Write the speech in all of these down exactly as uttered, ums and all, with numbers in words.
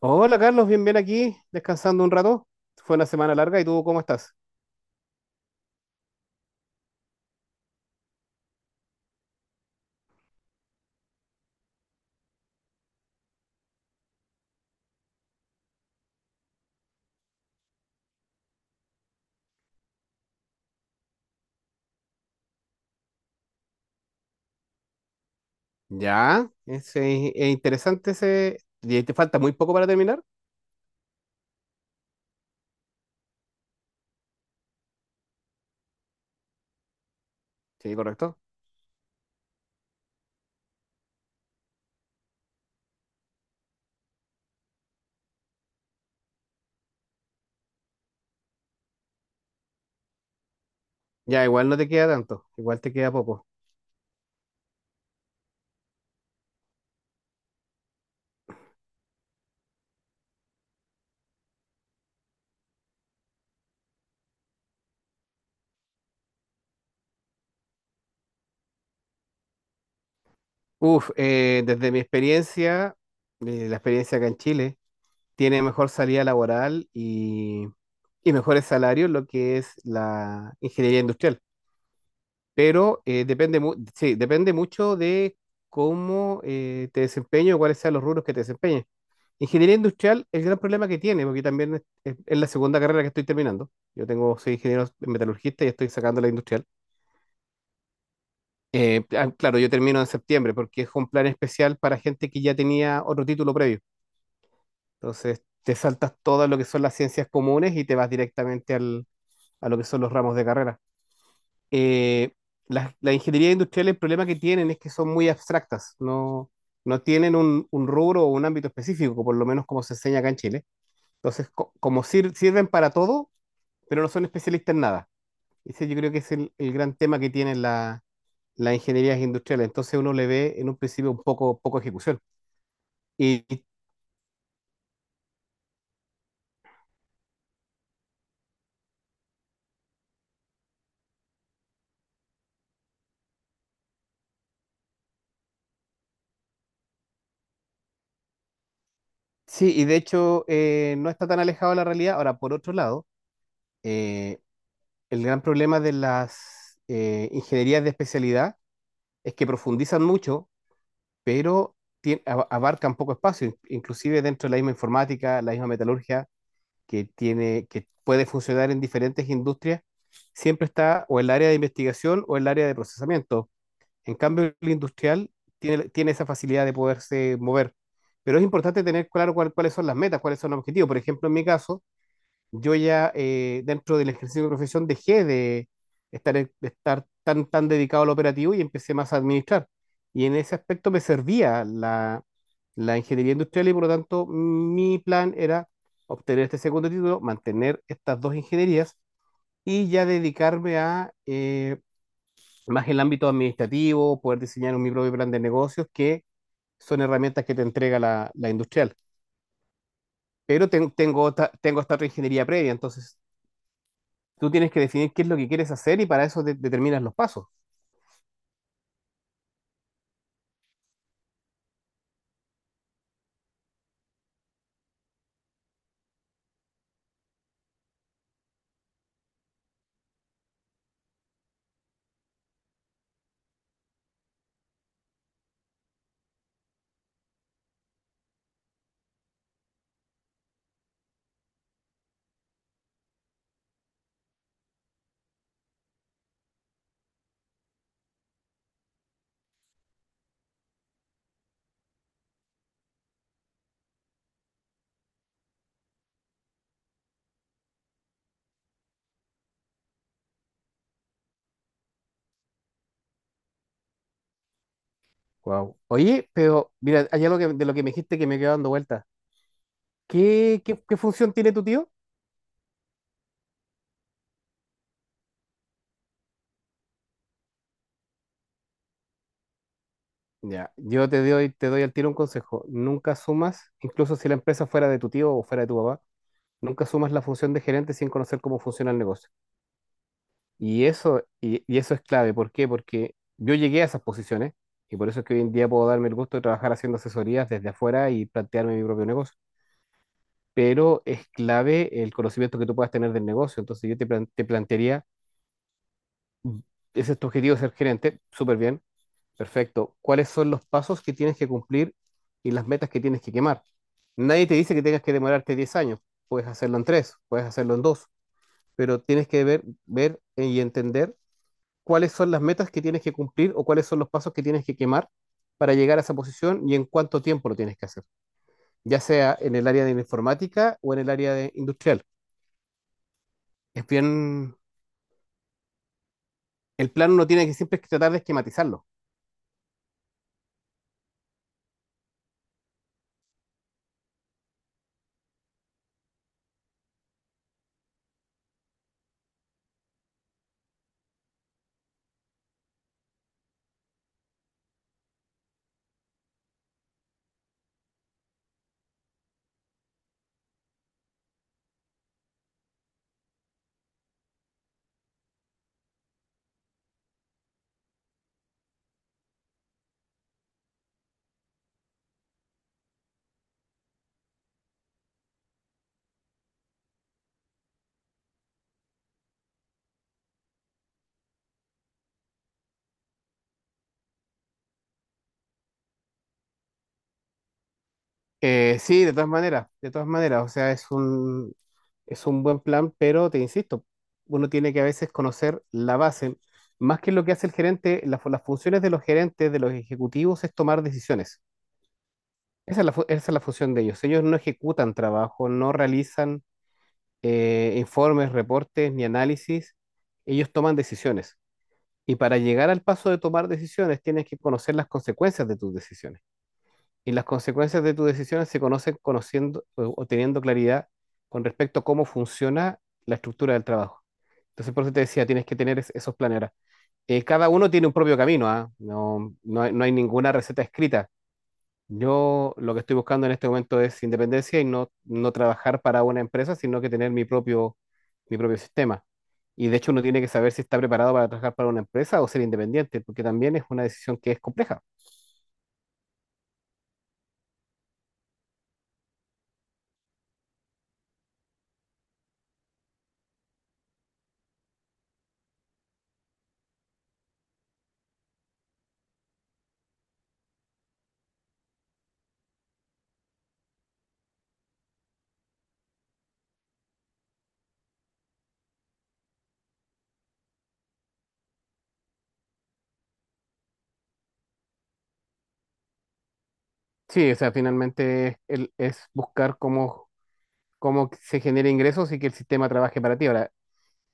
Hola Carlos, bien, bien aquí, descansando un rato. Fue una semana larga y tú, ¿cómo estás? Ya, es, eh, es interesante ese ¿Y te falta muy poco para terminar? Sí, correcto. Ya, igual no te queda tanto, igual te queda poco. Uf, eh, desde mi experiencia, eh, la experiencia acá en Chile, tiene mejor salida laboral y, y mejores salarios lo que es la ingeniería industrial. Pero eh, depende, mu- sí, depende mucho de cómo eh, te desempeño y cuáles sean los rubros que te desempeñes. Ingeniería industrial, el gran problema que tiene, porque también es, es- es la segunda carrera que estoy terminando. Yo tengo, soy ingeniero metalurgista y estoy sacando la industrial. Eh, ah, claro, yo termino en septiembre porque es un plan especial para gente que ya tenía otro título previo. Entonces, te saltas todo lo que son las ciencias comunes y te vas directamente al, a lo que son los ramos de carrera. eh, las, las ingenierías industriales, el problema que tienen es que son muy abstractas, no, no tienen un, un rubro o un ámbito específico, por lo menos como se enseña acá en Chile. Entonces, co- como sir- sirven para todo, pero no son especialistas en nada. Ese yo creo que es el, el gran tema que tienen la- las ingenierías industriales. Entonces uno le ve en un principio un poco, poco ejecución. Y, y sí, y de hecho eh, no está tan alejado de la realidad. Ahora, por otro lado, eh, el gran problema de las eh, ingenierías de especialidad es que profundizan mucho, pero tien- a- abarcan poco espacio, in- inclusive dentro de la misma informática, la misma metalurgia, que tiene, que puede funcionar en diferentes industrias, siempre está o el área de investigación o el área de procesamiento. En cambio, el industrial tiene, tiene esa facilidad de poderse mover. Pero es importante tener claro cuál- cuáles son las metas, cuáles son los objetivos. Por ejemplo, en mi caso, yo ya eh, dentro del ejercicio de profesión dejé de estar, en- de estar tan, tan dedicado al operativo y empecé más a administrar. Y en ese aspecto me servía la, la ingeniería industrial y por lo tanto mi plan era obtener este segundo título, mantener estas dos ingenierías y ya dedicarme a eh, más el ámbito administrativo, poder diseñar un mi propio plan de negocios, que son herramientas que te entrega la, la industrial. Pero ten- tengo, otra- tengo esta otra ingeniería previa, entonces tú tienes que definir qué es lo que quieres hacer y para eso de- determinas los pasos. Wow. Oye, pero mira, hay algo que- de lo que me dijiste que me quedó dando vuelta. ¿Qué, qué, qué función tiene tu tío? Ya, yo te doy, te doy al tiro un consejo. Nunca sumas, incluso si la empresa fuera de tu tío o fuera de tu papá, nunca sumas la función de gerente sin conocer cómo funciona el negocio. Y eso, y, y eso es clave. ¿Por qué? Porque yo llegué a esas posiciones y por eso es que hoy en día puedo darme el gusto de trabajar haciendo asesorías desde afuera y plantearme mi propio negocio. Pero es clave el conocimiento que tú puedas tener del negocio. Entonces yo te, plan- te plantearía, mm, ese es tu objetivo, ser gerente, súper bien, perfecto. ¿Cuáles son los pasos que tienes que cumplir y las metas que tienes que quemar? Nadie te dice que tengas que demorarte diez años, puedes hacerlo en tres, puedes hacerlo en dos, pero tienes que ver, ver y entender cuáles son las metas que tienes que cumplir o cuáles son los pasos que tienes que quemar para llegar a esa posición y en cuánto tiempo lo tienes que hacer, ya sea en el área de la informática o en el área de industrial. Es bien, el plan uno tiene que siempre que tratar de esquematizarlo. Eh, sí, de todas maneras, de todas maneras, o sea, es un, es un buen plan, pero te insisto, uno tiene que a veces conocer la base, más que lo que hace el gerente, la fu- las funciones de los gerentes, de los ejecutivos, es tomar decisiones. Esa es la, fu- esa es la función de ellos. Ellos no ejecutan trabajo, no realizan eh, informes, reportes ni análisis, ellos toman decisiones. Y para llegar al paso de tomar decisiones, tienes que conocer las consecuencias de tus decisiones. Y las consecuencias de tus decisiones se conocen conociendo o o teniendo claridad con respecto a cómo funciona la estructura del trabajo. Entonces, por eso te decía, tienes que tener es- esos planes. Ahora, eh, cada uno tiene un propio camino, ¿ah? No, no hay, no hay ninguna receta escrita. Yo lo que estoy buscando en este momento es independencia y no, no trabajar para una empresa, sino que tener mi propio, mi propio sistema. Y de hecho uno tiene que saber si está preparado para trabajar para una empresa o ser independiente, porque también es una decisión que es compleja. Sí, o sea, finalmente el- es buscar cómo, cómo se genera ingresos y que el sistema trabaje para ti. Ahora,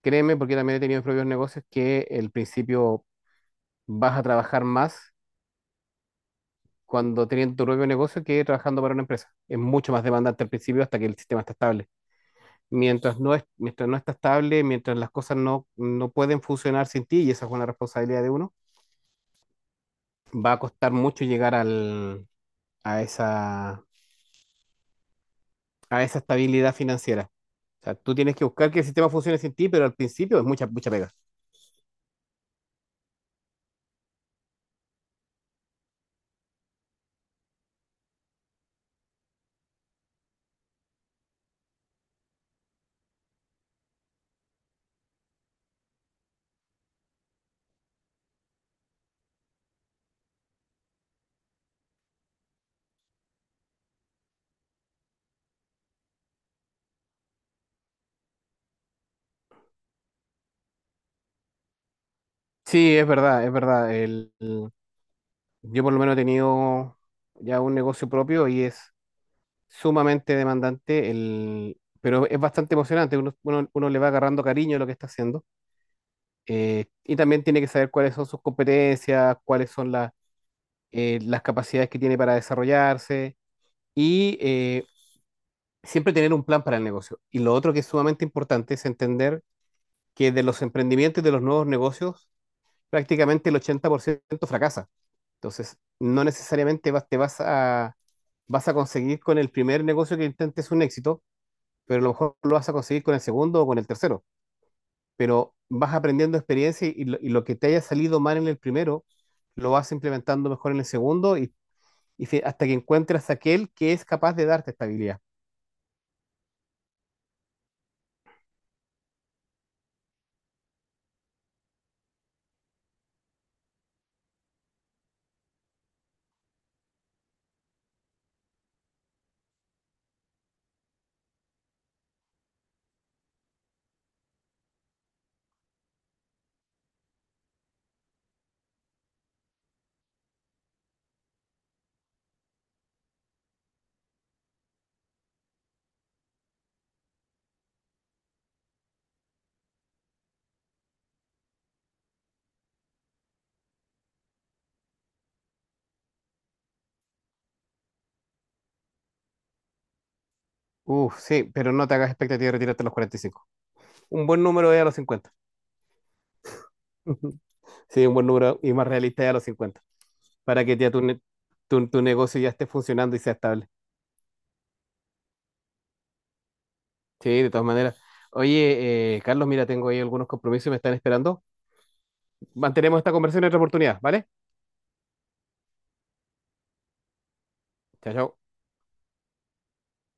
créeme, porque también he tenido mis propios negocios, que el principio vas a trabajar más cuando teniendo tu propio negocio que trabajando para una empresa. Es mucho más demandante al principio hasta que el sistema está estable. Mientras no es, mientras no está estable, mientras las cosas no, no pueden funcionar sin ti, y esa es una responsabilidad de uno, va a costar mucho llegar al, a esa, a esa estabilidad financiera. O sea, tú tienes que buscar que el sistema funcione sin ti, pero al principio es mucha, mucha pega. Sí, es verdad, es verdad. El, el- yo por lo menos he tenido ya un negocio propio y es sumamente demandante, el, pero es bastante emocionante. Uno, uno- uno le va agarrando cariño a lo que está haciendo, eh, y también tiene que saber cuáles son sus competencias, cuáles son la- eh, las capacidades que tiene para desarrollarse y eh, siempre tener un plan para el negocio. Y lo otro que es sumamente importante es entender que de los emprendimientos y de los nuevos negocios, prácticamente el ochenta por ciento fracasa. Entonces, no necesariamente vas, te vas a, vas a conseguir con el primer negocio que intentes un éxito, pero a lo mejor lo vas a conseguir con el segundo o con el tercero. Pero vas aprendiendo experiencia y lo, y lo que te haya salido mal en el primero, lo vas implementando mejor en el segundo y, y fi- hasta que encuentres aquel que es capaz de darte estabilidad. Uf, sí, pero no te hagas expectativa de retirarte a los cuarenta y cinco. Un buen número es a los cincuenta. Sí, un buen número y más realista es a los cincuenta para que ya tu, ne- tu, tu negocio ya esté funcionando y sea estable. Sí, de todas maneras. Oye, eh, Carlos, mira, tengo ahí algunos compromisos y me están esperando. Mantenemos esta conversación en otra oportunidad, ¿vale? Chao, chao.